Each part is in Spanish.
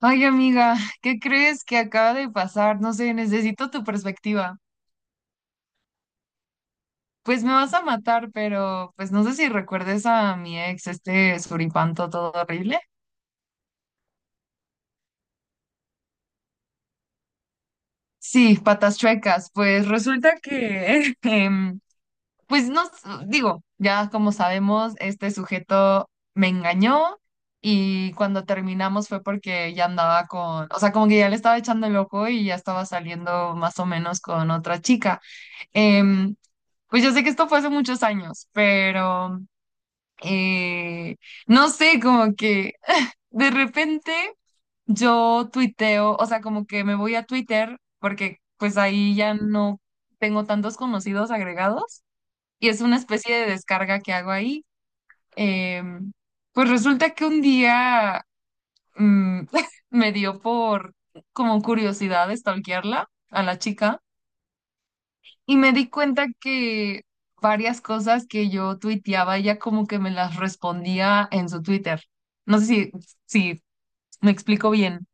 Ay, amiga, ¿qué crees que acaba de pasar? No sé, necesito tu perspectiva. Pues me vas a matar, pero pues no sé si recuerdes a mi ex, este suripanto todo horrible. Sí, patas chuecas. Pues resulta que, pues no, digo, ya como sabemos, este sujeto me engañó y cuando terminamos fue porque ya andaba con, o sea, como que ya le estaba echando el ojo y ya estaba saliendo más o menos con otra chica. Em, pues yo sé que esto fue hace muchos años, pero eh, no sé, como que de repente yo tuiteo, o sea, como que me voy a Twitter porque pues ahí ya no tengo tantos conocidos agregados y es una especie de descarga que hago ahí. Em, pues resulta que un día mm, me dio por como curiosidad stalkearla a la chica. Y me di cuenta que varias cosas que yo tuiteaba, ella como que me las respondía en su Twitter. No sé si me explico bien.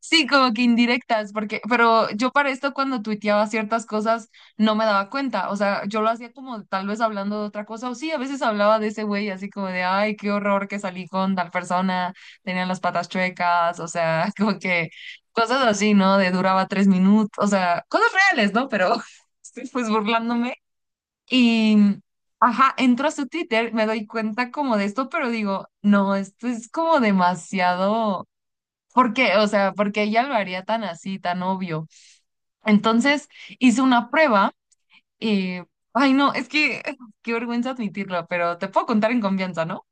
Sí, como que indirectas, porque, pero yo para esto cuando tuiteaba ciertas cosas no me daba cuenta, o sea, yo lo hacía como tal vez hablando de otra cosa, o sí, a veces hablaba de ese güey así como de, ay, qué horror que salí con tal persona, tenían las patas chuecas, o sea, como que cosas así, ¿no? De duraba tres minutos, o sea, cosas reales, ¿no? Pero estoy pues burlándome y, ajá, entro a su Twitter, me doy cuenta como de esto, pero digo, no, esto es como demasiado. ¿Por qué? O sea, porque ella lo haría tan así, tan obvio. Entonces hice una prueba y, ay no, es que qué vergüenza admitirlo, pero te puedo contar en confianza, ¿no?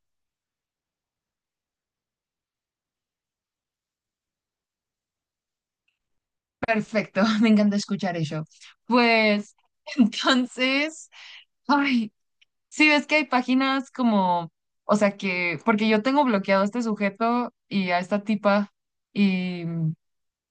Perfecto, me encanta escuchar eso. Pues entonces, ay, sí ves que hay páginas como, o sea que, porque yo tengo bloqueado a este sujeto y a esta tipa y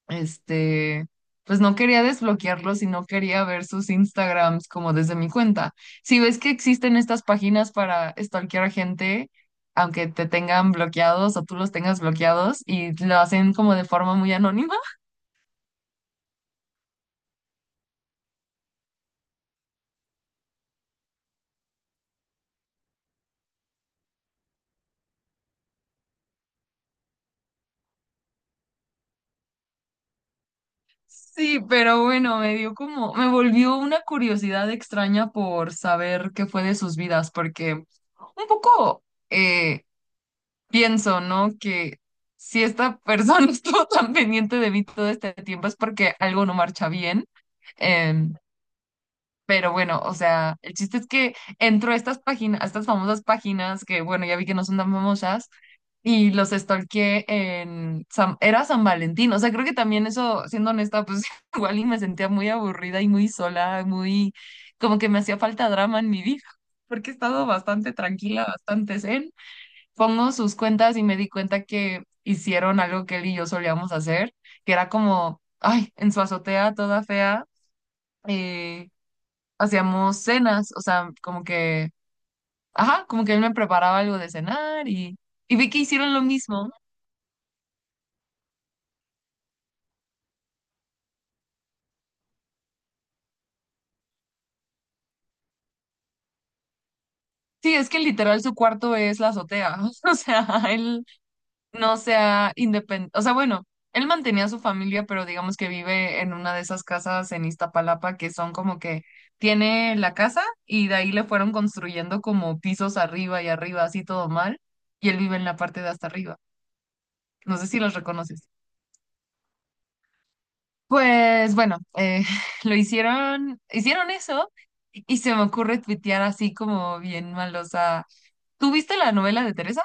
este, pues no quería desbloquearlos y no quería ver sus Instagrams como desde mi cuenta. Si ves que existen estas páginas para stalkear a gente, aunque te tengan bloqueados o tú los tengas bloqueados y lo hacen como de forma muy anónima. Sí, pero bueno, me dio como, me volvió una curiosidad extraña por saber qué fue de sus vidas, porque un poco, eh, pienso, ¿no? Que si esta persona estuvo tan pendiente de mí todo este tiempo es porque algo no marcha bien. Em, pero bueno, o sea, el chiste es que entro a estas páginas, a estas famosas páginas que, bueno, ya vi que no son tan famosas, y los stalkeé en era San Valentín. O sea, creo que también eso, siendo honesta, pues igual y me sentía muy aburrida y muy sola, muy como que me hacía falta drama en mi vida, porque he estado bastante tranquila, bastante zen. Pongo sus cuentas y me di cuenta que hicieron algo que él y yo solíamos hacer, que era como, ay, en su azotea toda fea, eh, hacíamos cenas, o sea, como que, ajá, como que él me preparaba algo de cenar y vi que hicieron lo mismo. Sí, es que literal su cuarto es la azotea, o sea, él no sea independiente. O sea, bueno, él mantenía a su familia, pero digamos que vive en una de esas casas en Iztapalapa que son como que tiene la casa y de ahí le fueron construyendo como pisos arriba y arriba, así todo mal, y él vive en la parte de hasta arriba. No sé si los reconoces. Pues bueno, lo hicieron, hicieron eso y se me ocurre tuitear así como bien malosa. ¿Tú viste la novela de Teresa?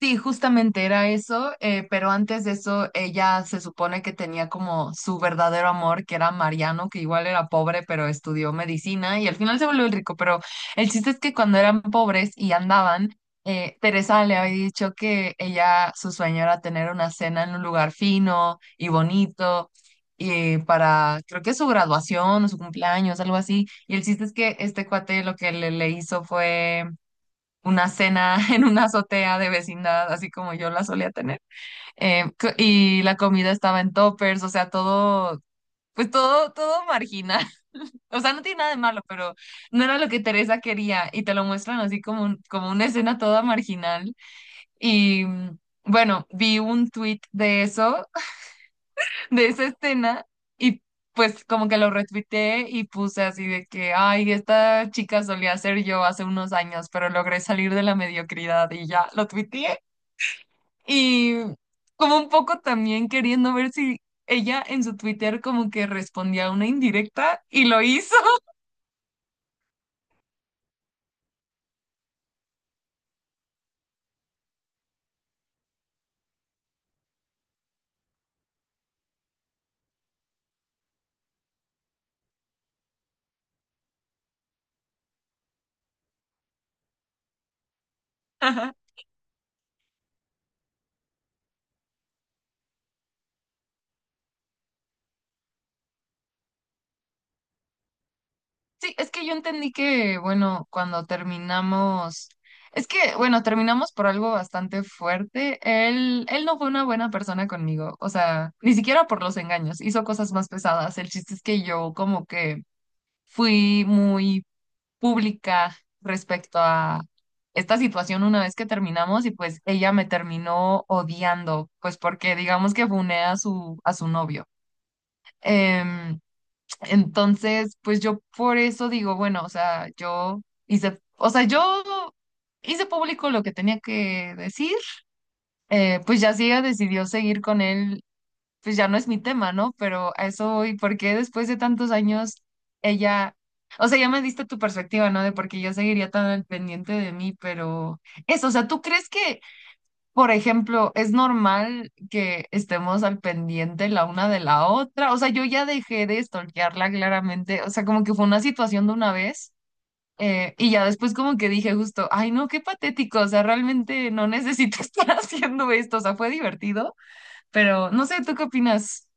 Sí, justamente era eso, pero antes de eso ella se supone que tenía como su verdadero amor, que era Mariano, que igual era pobre, pero estudió medicina y al final se volvió el rico, pero el chiste es que cuando eran pobres y andaban, Teresa le había dicho que ella, su sueño era tener una cena en un lugar fino y bonito. Y para, creo que su graduación o su cumpleaños, algo así. Y el chiste es que este cuate lo que le hizo fue una cena en una azotea de vecindad, así como yo la solía tener. Y la comida estaba en toppers, o sea, todo, pues todo, todo marginal. O sea, no tiene nada de malo, pero no era lo que Teresa quería y te lo muestran así como, como una escena toda marginal. Y bueno, vi un tweet de eso, de esa escena. Y pues como que lo retuiteé y puse así de que, ay, esta chica solía ser yo hace unos años, pero logré salir de la mediocridad y ya lo tuiteé. Y como un poco también queriendo ver si ella en su Twitter como que respondía a una indirecta y lo hizo. Ajá. Sí, es que yo entendí que, bueno, cuando terminamos, es que, bueno, terminamos por algo bastante fuerte. Él no fue una buena persona conmigo, o sea, ni siquiera por los engaños, hizo cosas más pesadas. El chiste es que yo como que fui muy pública respecto a esta situación una vez que terminamos y pues ella me terminó odiando, pues porque digamos que funé a su novio. Em, entonces, pues yo por eso digo, bueno, o sea, yo hice, o sea, yo hice público lo que tenía que decir, pues ya si ella decidió seguir con él pues ya no es mi tema, ¿no? Pero a eso voy, porque después de tantos años ella, o sea, ya me diste tu perspectiva, ¿no? De por qué yo seguiría tan al pendiente de mí, pero eso, o sea, ¿tú crees que, por ejemplo, es normal que estemos al pendiente la una de la otra? O sea, yo ya dejé de stalkearla claramente, o sea, como que fue una situación de una vez. Y ya después como que dije justo, ay no, qué patético, o sea, realmente no necesito estar haciendo esto, o sea, fue divertido, pero no sé, ¿tú qué opinas?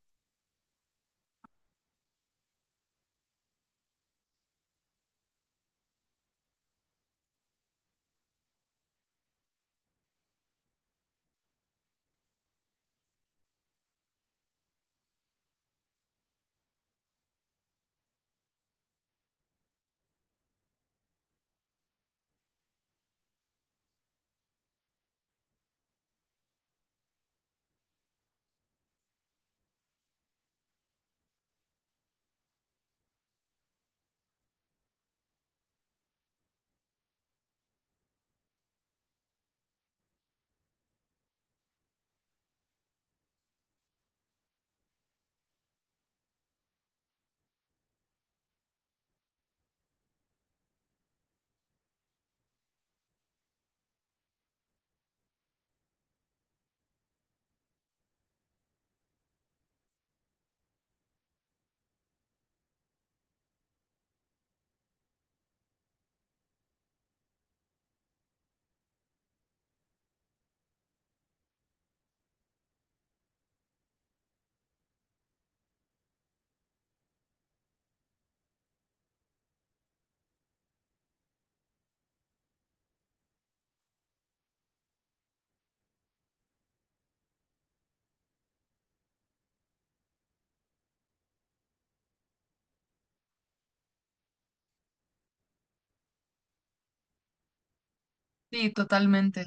Sí, totalmente.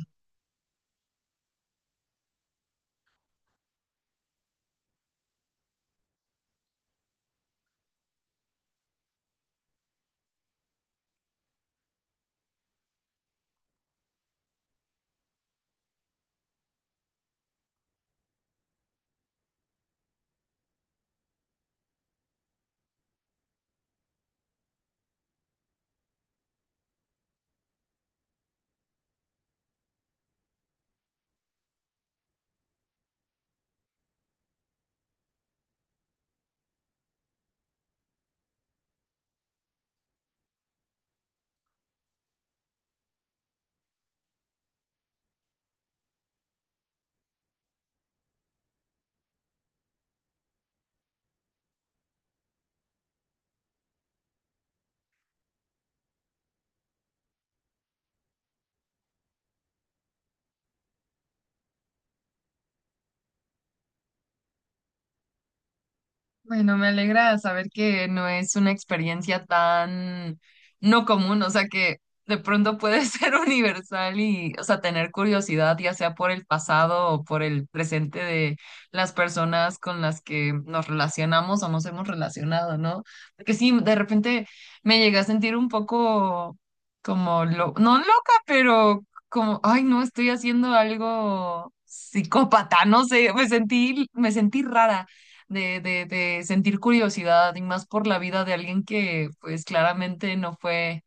Bueno, me alegra saber que no es una experiencia tan no común, o sea que de pronto puede ser universal y, o sea, tener curiosidad, ya sea por el pasado o por el presente de las personas con las que nos relacionamos o nos hemos relacionado, ¿no? Porque sí, de repente me llegué a sentir un poco como, no loca, pero como, ay, no, estoy haciendo algo psicópata, no sé, me sentí rara de sentir curiosidad y más por la vida de alguien que pues claramente no fue,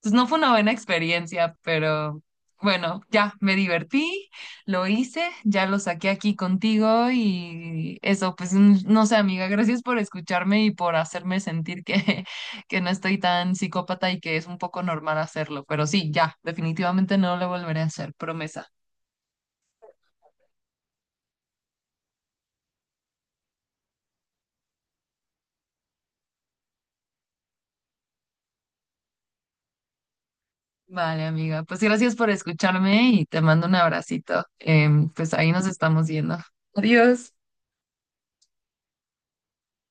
pues no fue una buena experiencia, pero bueno, ya me divertí, lo hice, ya lo saqué aquí contigo y eso, pues no sé, amiga, gracias por escucharme y por hacerme sentir que, que no estoy tan psicópata y que es un poco normal hacerlo, pero sí, ya, definitivamente no lo volveré a hacer, promesa. Vale, amiga. Pues gracias por escucharme y te mando un abracito. Pues ahí nos estamos viendo. Adiós.